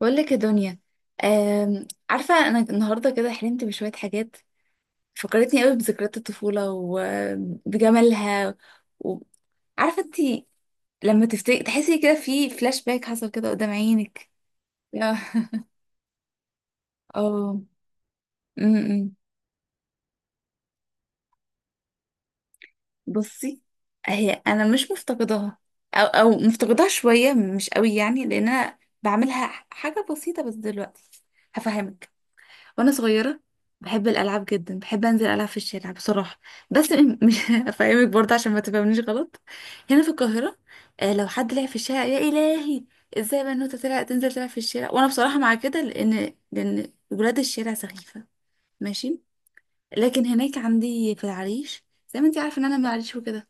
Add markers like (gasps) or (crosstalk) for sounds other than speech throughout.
بقول لك يا دنيا. عارفة أنا النهاردة كده حلمت بشوية حاجات. فكرتني قوي بذكريات الطفولة وبجمالها. وعارفة انتي لما تفتكري تحسي كده في فلاش باك حصل كده قدام عينك؟ يا- (laughs) اه. أمم. بصي، هي أنا مش مفتقداها، أو مفتقداها شوية مش قوي، يعني لأن أنا بعملها حاجة بسيطة بس دلوقتي. هفهمك. وانا صغيره بحب الالعاب جدا، بحب انزل العب في الشارع بصراحه. بس مش (laughs) افهمك برضه عشان ما تفهمنيش غلط. هنا في القاهره. لو حد لعب في الشارع يا الهي، ازاي بنوته تنزل تلعب في الشارع، وانا بصراحه مع كده، لان ولاد الشارع سخيفه. ماشي، لكن هناك عندي في العريش، زي ما انت عارفه ان انا من العريش وكده.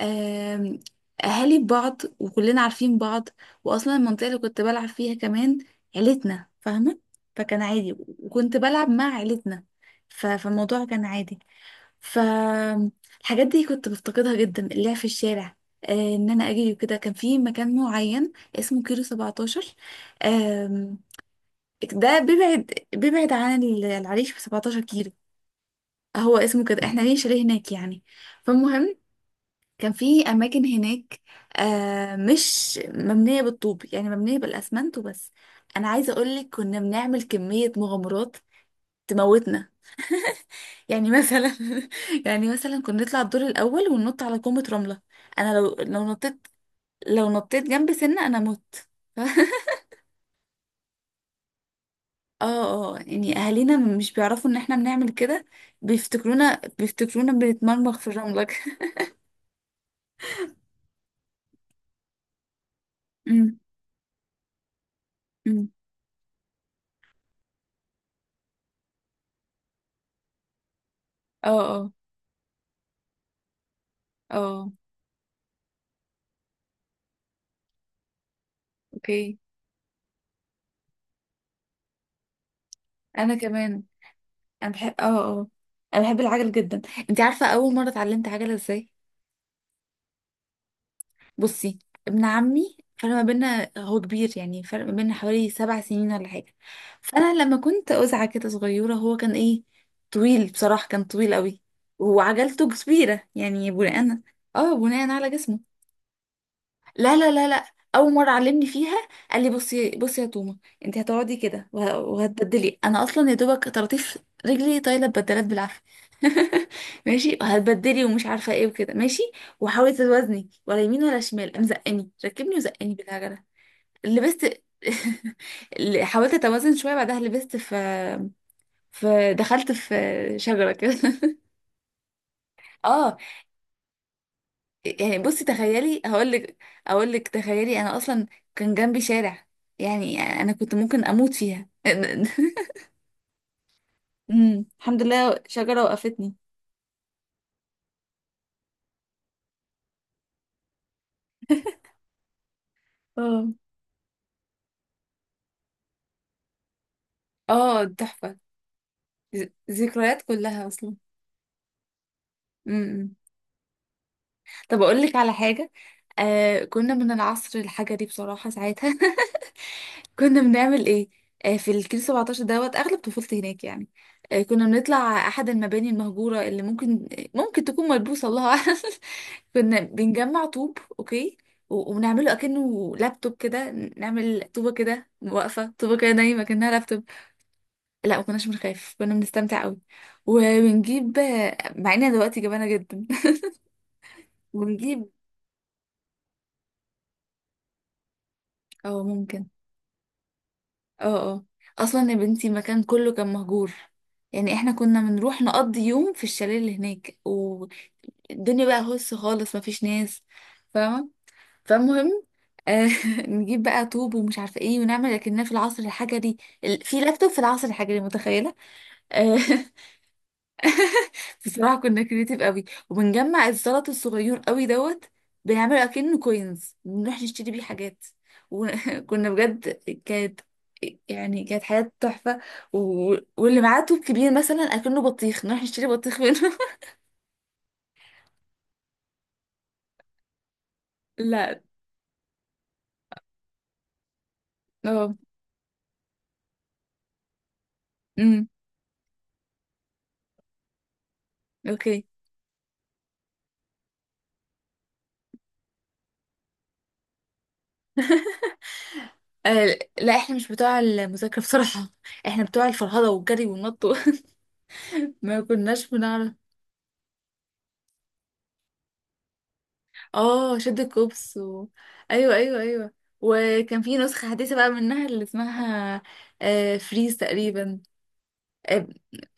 آم، اهالي بعض وكلنا عارفين بعض. واصلا المنطقه اللي كنت بلعب فيها كمان عيلتنا فاهمه، فكان عادي. وكنت بلعب مع عيلتنا. فالموضوع كان عادي. فالحاجات دي كنت بفتقدها جدا، اللعب في الشارع. ان انا اجري وكده كان في مكان معين اسمه كيلو 17. آم، ده بيبعد عن العريش ب 17 كيلو، هو اسمه كده، احنا ليه شاليه هناك يعني. فالمهم، كان في اماكن هناك، مش مبنيه بالطوب يعني مبنيه بالاسمنت وبس. انا عايزه اقول لك، كنا بنعمل كميه مغامرات تموتنا. يعني مثلا (laughs) يعني مثلا كنا نطلع الدور الاول وننط على كومه رمله. انا لو نطيت جنب سنه انا مت. (laughs) اه، اه يعني اهالينا مش بيعرفوا ان احنا بنعمل كده، بيفتكرونا بنتمرمغ في الرمله (laughs) أمم، أمم. اه، اه، اه. اوكي. انا كمان. انا بحب اه اه انا بحب العجل جدا. انت عارفه اول مره اتعلمت عجله ازاي؟ بصي، ابن عمي فرق ما بيننا، هو كبير يعني، فرق ما بيننا حوالي 7 سنين ولا حاجه. فانا لما كنت أزعة كده صغيره، هو كان ايه، طويل بصراحه، كان طويل قوي. وعجلته كبيره، يعني بناء على جسمه. لا، لا، لا، لا. اول مره علمني فيها قال لي: بصي بصي يا تومه، انت هتقعدي كده وهتبدلي. انا اصلا يا دوبك طراطيف رجلي طايله، ببدلات بالعافيه. (laughs) ماشي، وهتبدلي ومش عارفه ايه وكده، ماشي. وحاولي توازني ولا يمين ولا شمال. قام زقني ركبني وزقني بالعجله، لبست. (laughs) اللي حاولت اتوازن شويه بعدها لبست في دخلت في شجره كده (laughs) اه. يعني بصي تخيلي هقول لك، اقول لك تخيلي، انا اصلا كان جنبي شارع، يعني انا كنت ممكن اموت فيها (laughs) الحمد لله شجرة وقفتني. اه، اه تحفة. ذكريات كلها اصلا. امم. طب اقول لك على حاجة، كنا من العصر الحجري بصراحة ساعتها (laughs) كنا بنعمل ايه؟ في الكيلو 17 دوت اغلب طفولتي هناك يعني. كنا بنطلع احد المباني المهجوره، اللي ممكن تكون ملبوسه، الله اعلم. (laughs) كنا بنجمع طوب، اوكي، وبنعمله اكنه لابتوب كده، نعمل طوبه كده واقفه، طوبه كده نايمه كانها لابتوب. لا ما كناش بنخاف، كنا بنستمتع قوي. وبنجيب، مع ان دلوقتي جبانه جدا (laughs) بنجيب. اه، ممكن. اه، اه. اصلا يا بنتي المكان كله كان مهجور، يعني احنا كنا بنروح نقضي يوم في الشاليه اللي هناك، والدنيا بقى هس خالص، مفيش ناس فاهمه. فالمهم، آه (laughs) نجيب بقى طوب ومش عارفه ايه ونعمل لكننا في العصر الحجري. في لابتوب في العصر الحجري، متخيله؟ آه (laughs) بصراحة كنا كريتيف قوي، وبنجمع الزلط الصغير قوي دوت، بنعمله اكنه كوينز، بنروح نشتري بيه حاجات. وكنا (laughs) بجد، كانت كانت حياة تحفة. و... واللي معاه توب كبير مثلا اكنه بطيخ، نروح نشتري بطيخ منه (laughs) لا. اه. امم. اوكي. لا، احنا مش بتوع المذاكرة بصراحة، احنا بتوع الفرهدة والجري والنط (laughs) ما كناش بنعرف. اه شد الكوبس و... ايوه، ايوه، ايوه. وكان في نسخة حديثة بقى منها اللي اسمها فريز تقريبا. آه،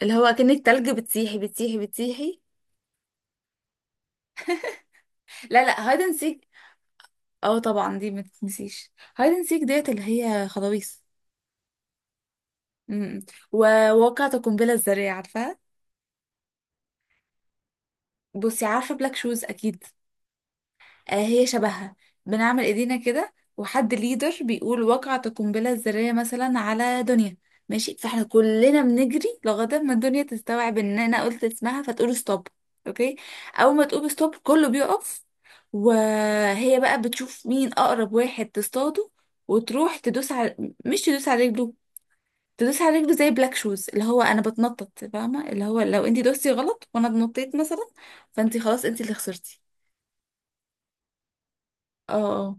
اللي هو كأن التلج بتسيحي بتسيحي بتسيحي. لا، لا، هايد اند سيك. اه طبعا دي ما تتنسيش، هايد اند سيك ديت اللي هي خضاويص. م- م. وواقعة القنبلة الذرية عارفاها؟ بصي، عارفة بلاك شوز اكيد؟ آه هي شبهها. بنعمل ايدينا كده وحد ليدر بيقول وقعت القنبلة الذرية مثلا على دنيا، ماشي. فاحنا كلنا بنجري لغاية ما الدنيا تستوعب ان انا قلت اسمها فتقول ستوب، اوكي. اول ما تقول ستوب كله بيقف، وهي بقى بتشوف مين اقرب واحد تصطاده، وتروح تدوس على، مش تدوس على رجله، تدوس على رجله زي بلاك شوز اللي هو انا بتنطط فاهمه، اللي هو لو انت دوستي غلط وانا اتنطيت مثلا، فانت خلاص انت اللي خسرتي. اه،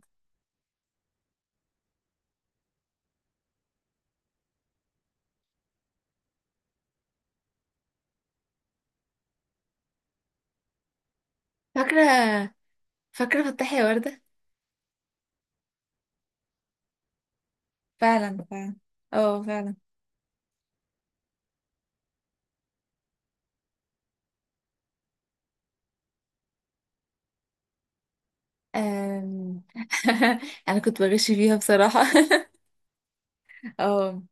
فاكره فاكرة فتحي يا وردة؟ فعلا، فعلا. اه فعلا. أم... (laughs) انا كنت بغش فيها بصراحة (laughs) اه،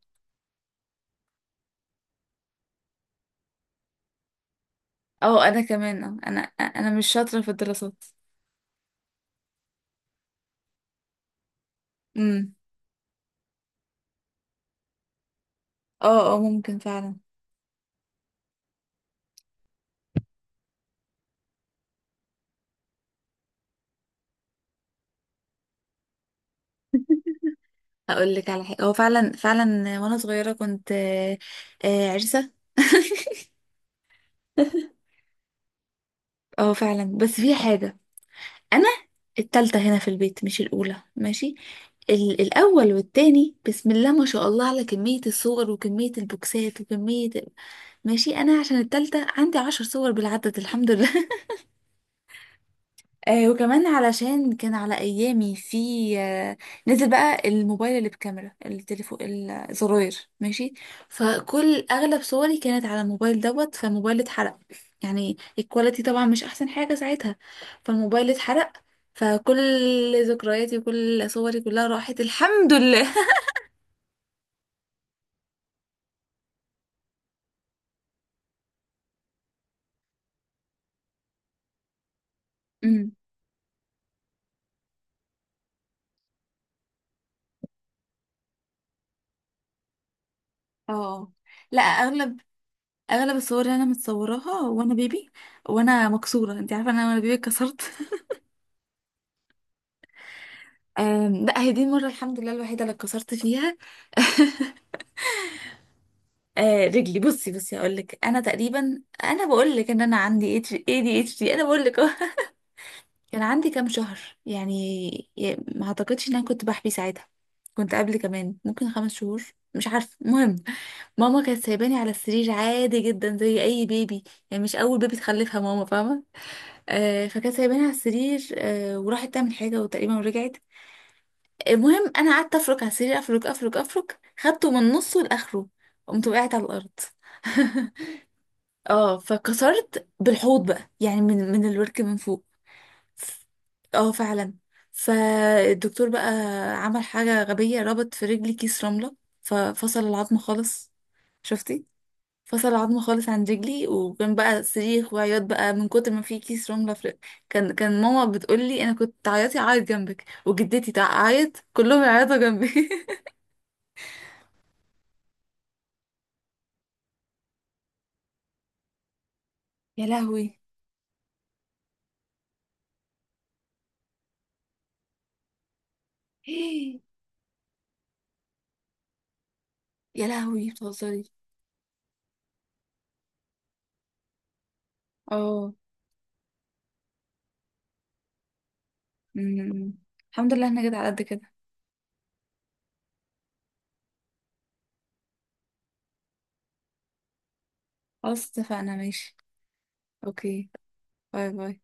اه انا كمان. اه، انا مش شاطرة في الدراسات. امم. اه، اه ممكن فعلا. اقول لك على حاجة، اه فعلا، فعلا. وانا صغيرة كنت، عرسة (laughs) اه فعلا. بس في حاجة، انا التالتة هنا في البيت، مش الأولى، ماشي. الأول والتاني بسم الله ما شاء الله، على كمية الصور وكمية البوكسات وكمية. ماشي، انا عشان التالتة عندي 10 صور بالعدد الحمد لله (laughs) وكمان علشان كان على ايامي في، آه نزل بقى الموبايل اللي بكاميرا التليفون الزراير، ماشي. فكل، اغلب صوري كانت على الموبايل دوت، فالموبايل اتحرق، يعني الكواليتي طبعا مش احسن حاجة ساعتها. فالموبايل اتحرق، فكل ذكرياتي وكل صوري كلها راحت الحمد لله (laughs) أمم. اه، لا، اغلب الصور اللي انا متصوراها وانا بيبي وانا مكسوره. انت عارفه ان انا وانا بيبي اتكسرت (laughs) لا، هي دي المره الحمد لله الوحيده اللي اتكسرت فيها (laughs) رجلي، بصي بصي هقول لك، انا تقريبا، انا بقول لك ان انا عندي اتش اي دي اتش دي، انا بقول لك (laughs) أهو. كان عندي كام شهر يعني، ما اعتقدش ان انا كنت بحبي ساعتها، كنت قبل كمان ممكن 5 شهور، مش عارفه. المهم، ماما كانت سايباني على السرير عادي جدا زي اي بيبي، يعني مش اول بيبي تخلفها ماما فاهمه. فكانت سايباني على السرير، وراحت تعمل حاجة وتقريبا ورجعت. المهم، أنا قعدت أفرك على السرير، أفرك أفرك أفرك، خدته من نصه لآخره. قمت وقعت على الأرض (laughs) اه فكسرت بالحوض بقى، يعني من الورك، من فوق. اه فعلا. فالدكتور بقى، عمل حاجة غبية، ربط في رجلي كيس رملة، ففصل العظم خالص. شفتي؟ فصل عظمه خالص عن رجلي، وكان بقى صريخ وعياط بقى من كتر ما في كيس رمله في. كان ماما بتقول لي، انا كنت تعيطي اعيط جنبك وجدتي تعيط، كلهم يعيطوا جنبي (laughs) يا لهوي. (gasps) يا لهوي، بتهزري. اه. أمم. الحمد لله انا جيت على قد كده. خلاص اتفقنا. ماشي. اوكي. باي باي.